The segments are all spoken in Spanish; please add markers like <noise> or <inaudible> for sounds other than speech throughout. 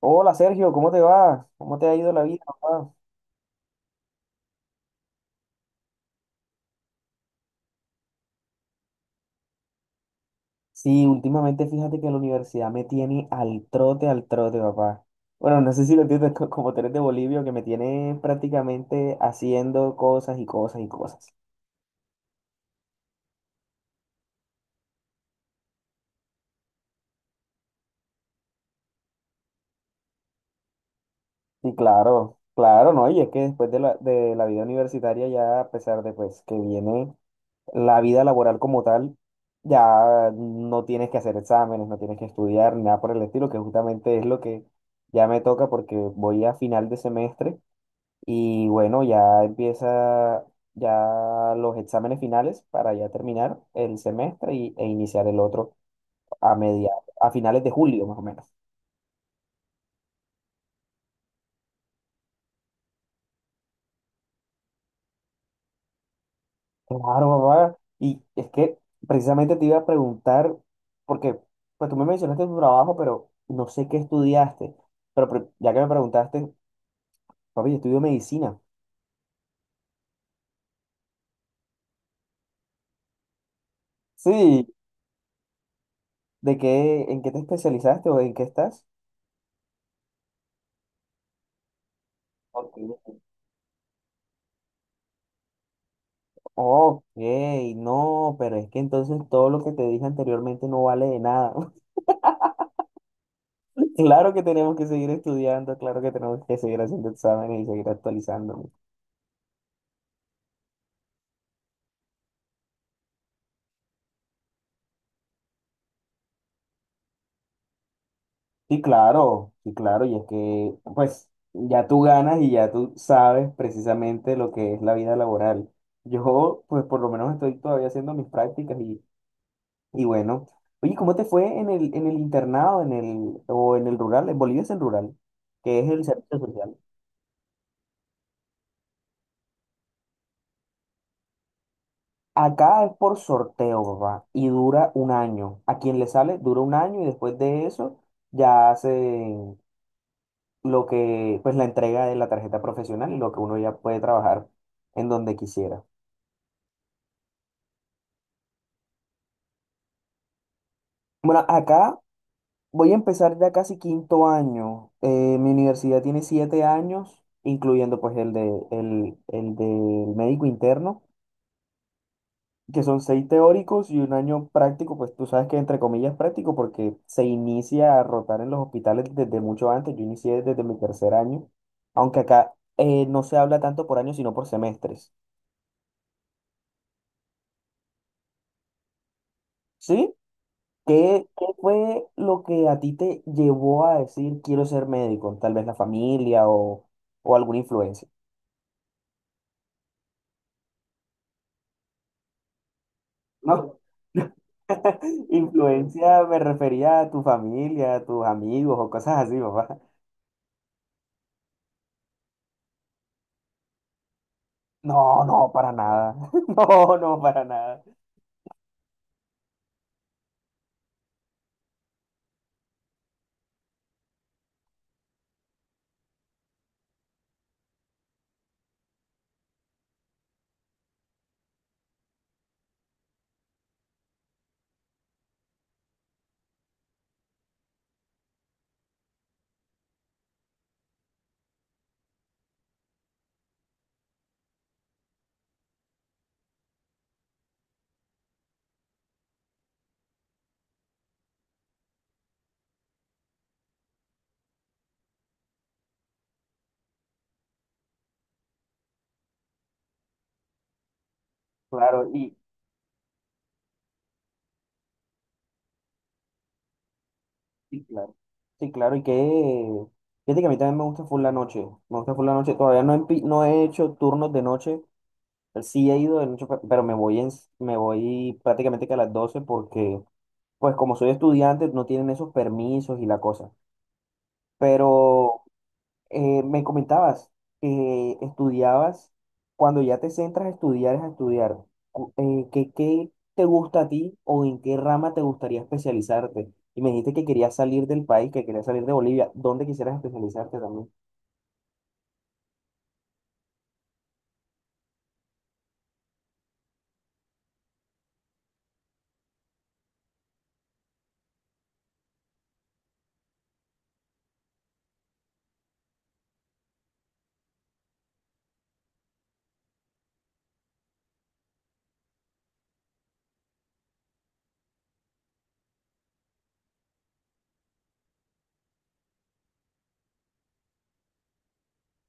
Hola Sergio, ¿cómo te vas? ¿Cómo te ha ido la vida, papá? Sí, últimamente fíjate que la universidad me tiene al trote, papá. Bueno, no sé si lo entiendes como tú eres de Bolivia, que me tiene prácticamente haciendo cosas y cosas y cosas. Sí, claro, claro, ¿no? Y es que después de la vida universitaria ya, a pesar de pues que viene la vida laboral como tal, ya no tienes que hacer exámenes, no tienes que estudiar, nada por el estilo, que justamente es lo que ya me toca porque voy a final de semestre. Y bueno, ya empieza ya los exámenes finales para ya terminar el semestre e iniciar el otro a media, a finales de julio más o menos. Claro, papá. Y es que precisamente te iba a preguntar, porque pues tú me mencionaste tu trabajo, pero no sé qué estudiaste. Pero ya que me preguntaste, papi, yo estudio medicina. Sí, ¿de qué, en qué te especializaste o en qué estás? Ok. Ok, no, pero es que entonces todo lo que te dije anteriormente no vale de nada. <laughs> Claro que tenemos que seguir estudiando, claro que tenemos que seguir haciendo exámenes y seguir actualizándonos. Sí, claro, sí, claro, y es que pues ya tú ganas y ya tú sabes precisamente lo que es la vida laboral. Yo pues por lo menos estoy todavía haciendo mis prácticas y bueno. Oye, ¿cómo te fue en el internado, o en el rural? En Bolivia es el rural, que es el servicio social. Acá es por sorteo, papá, y dura un año. A quien le sale, dura un año y después de eso ya hacen lo que, pues la entrega de la tarjeta profesional y lo que uno ya puede trabajar en donde quisiera. Bueno, acá voy a empezar ya casi quinto año. Mi universidad tiene siete años, incluyendo pues el el del médico interno, que son seis teóricos y un año práctico, pues tú sabes que entre comillas práctico porque se inicia a rotar en los hospitales desde mucho antes, yo inicié desde mi tercer año, aunque acá no se habla tanto por años sino por semestres, ¿sí? ¿Qué, qué fue lo que a ti te llevó a decir quiero ser médico? Tal vez la familia o alguna influencia. No, <laughs> influencia me refería a tu familia, a tus amigos o cosas así, papá. No, no, para nada. <laughs> No, no, para nada. Claro, y claro. Sí, claro, y que... Fíjate que a mí también me gusta full la noche. Me gusta full la noche. Todavía no he, no he hecho turnos de noche. Sí he ido de noche, pero me voy, me voy prácticamente que a las 12 porque, pues como soy estudiante, no tienen esos permisos y la cosa. Pero, me comentabas que estudiabas, cuando ya te centras a estudiar, es a estudiar. ¿Qué, qué te gusta a ti o en qué rama te gustaría especializarte? Y me dijiste que querías salir del país, que querías salir de Bolivia. ¿Dónde quisieras especializarte también?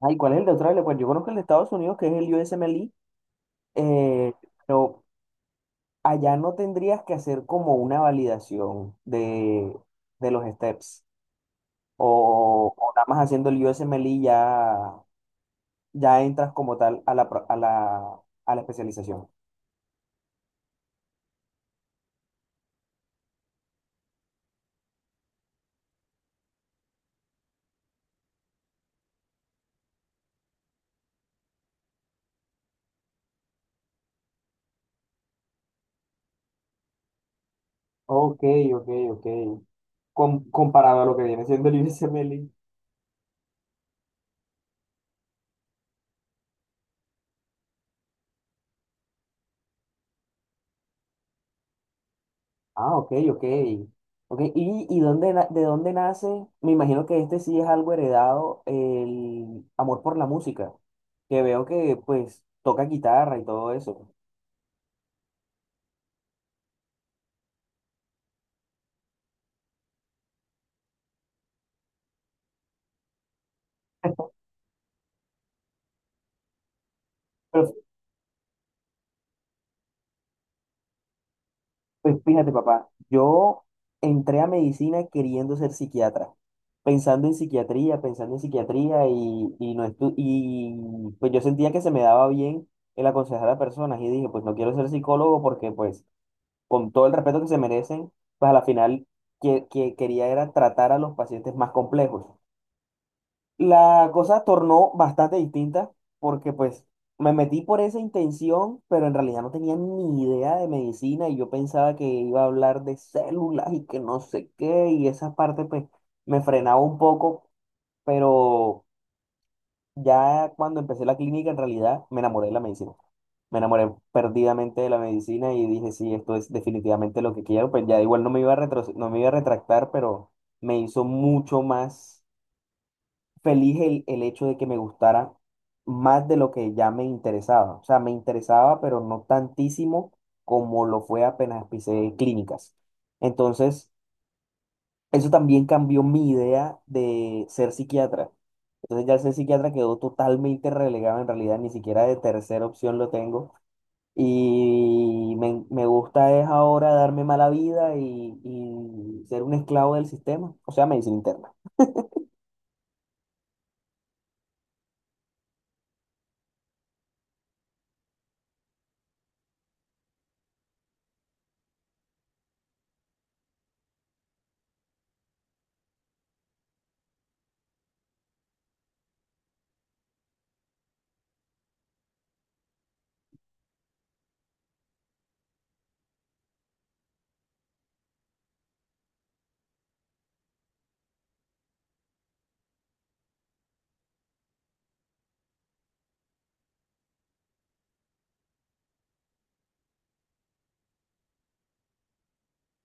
Ay, ¿cuál es el de Australia? Pues yo conozco el de Estados Unidos, que es el USMLE, eh, pero allá no tendrías que hacer como una validación de los steps. O nada más haciendo el USMLE ya ya entras como tal a a a la especialización. Ok, ok, ok. Comparado a lo que viene siendo el IBCMLI. Ah, ok, ok. Ok, y dónde, de dónde nace? Me imagino que este sí es algo heredado, el amor por la música, que veo que pues toca guitarra y todo eso. <laughs> Pero pues fíjate, papá, yo entré a medicina queriendo ser psiquiatra, pensando en psiquiatría y no estu- y pues yo sentía que se me daba bien el aconsejar a personas y dije, pues no quiero ser psicólogo porque pues con todo el respeto que se merecen, pues a la final que quería era tratar a los pacientes más complejos. La cosa tornó bastante distinta porque pues me metí por esa intención, pero en realidad no tenía ni idea de medicina y yo pensaba que iba a hablar de células y que no sé qué y esa parte pues me frenaba un poco, pero ya cuando empecé la clínica en realidad me enamoré de la medicina. Me enamoré perdidamente de la medicina y dije, sí, esto es definitivamente lo que quiero, pues ya igual no me iba a no me iba a retractar, pero me hizo mucho más feliz el hecho de que me gustara más de lo que ya me interesaba. O sea, me interesaba, pero no tantísimo como lo fue apenas empecé clínicas. Entonces, eso también cambió mi idea de ser psiquiatra. Entonces ya el ser psiquiatra quedó totalmente relegado, en realidad ni siquiera de tercera opción lo tengo. Y me gusta es ahora darme mala vida y ser un esclavo del sistema, o sea, medicina interna.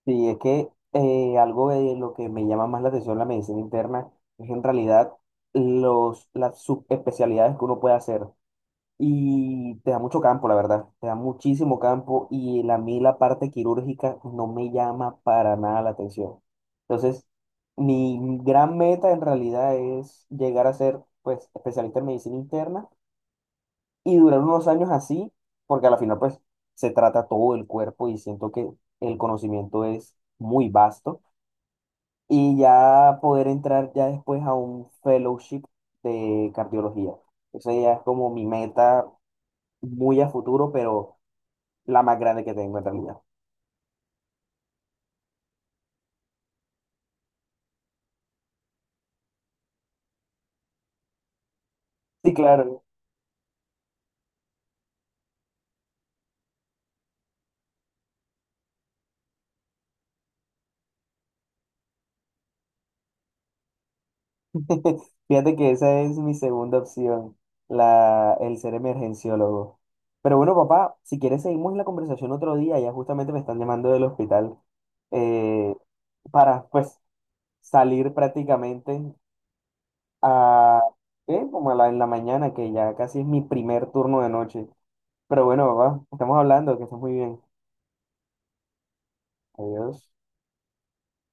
Sí, es que algo de lo que me llama más la atención la medicina interna es en realidad las subespecialidades que uno puede hacer. Y te da mucho campo, la verdad. Te da muchísimo campo y a mí la parte quirúrgica no me llama para nada la atención. Entonces, mi gran meta en realidad es llegar a ser pues especialista en medicina interna y durar unos años así, porque a la final pues se trata todo el cuerpo y siento que el conocimiento es muy vasto y ya poder entrar ya después a un fellowship de cardiología. Esa ya es como mi meta muy a futuro, pero la más grande que tengo en realidad. Sí, claro. <laughs> Fíjate que esa es mi segunda opción, la, el ser emergenciólogo. Pero bueno, papá, si quieres seguimos la conversación otro día, ya justamente me están llamando del hospital eh, para pues salir prácticamente. A, ¿qué? Como a la, en la mañana, que ya casi es mi primer turno de noche. Pero bueno, papá, estamos hablando, que estés muy bien. Adiós.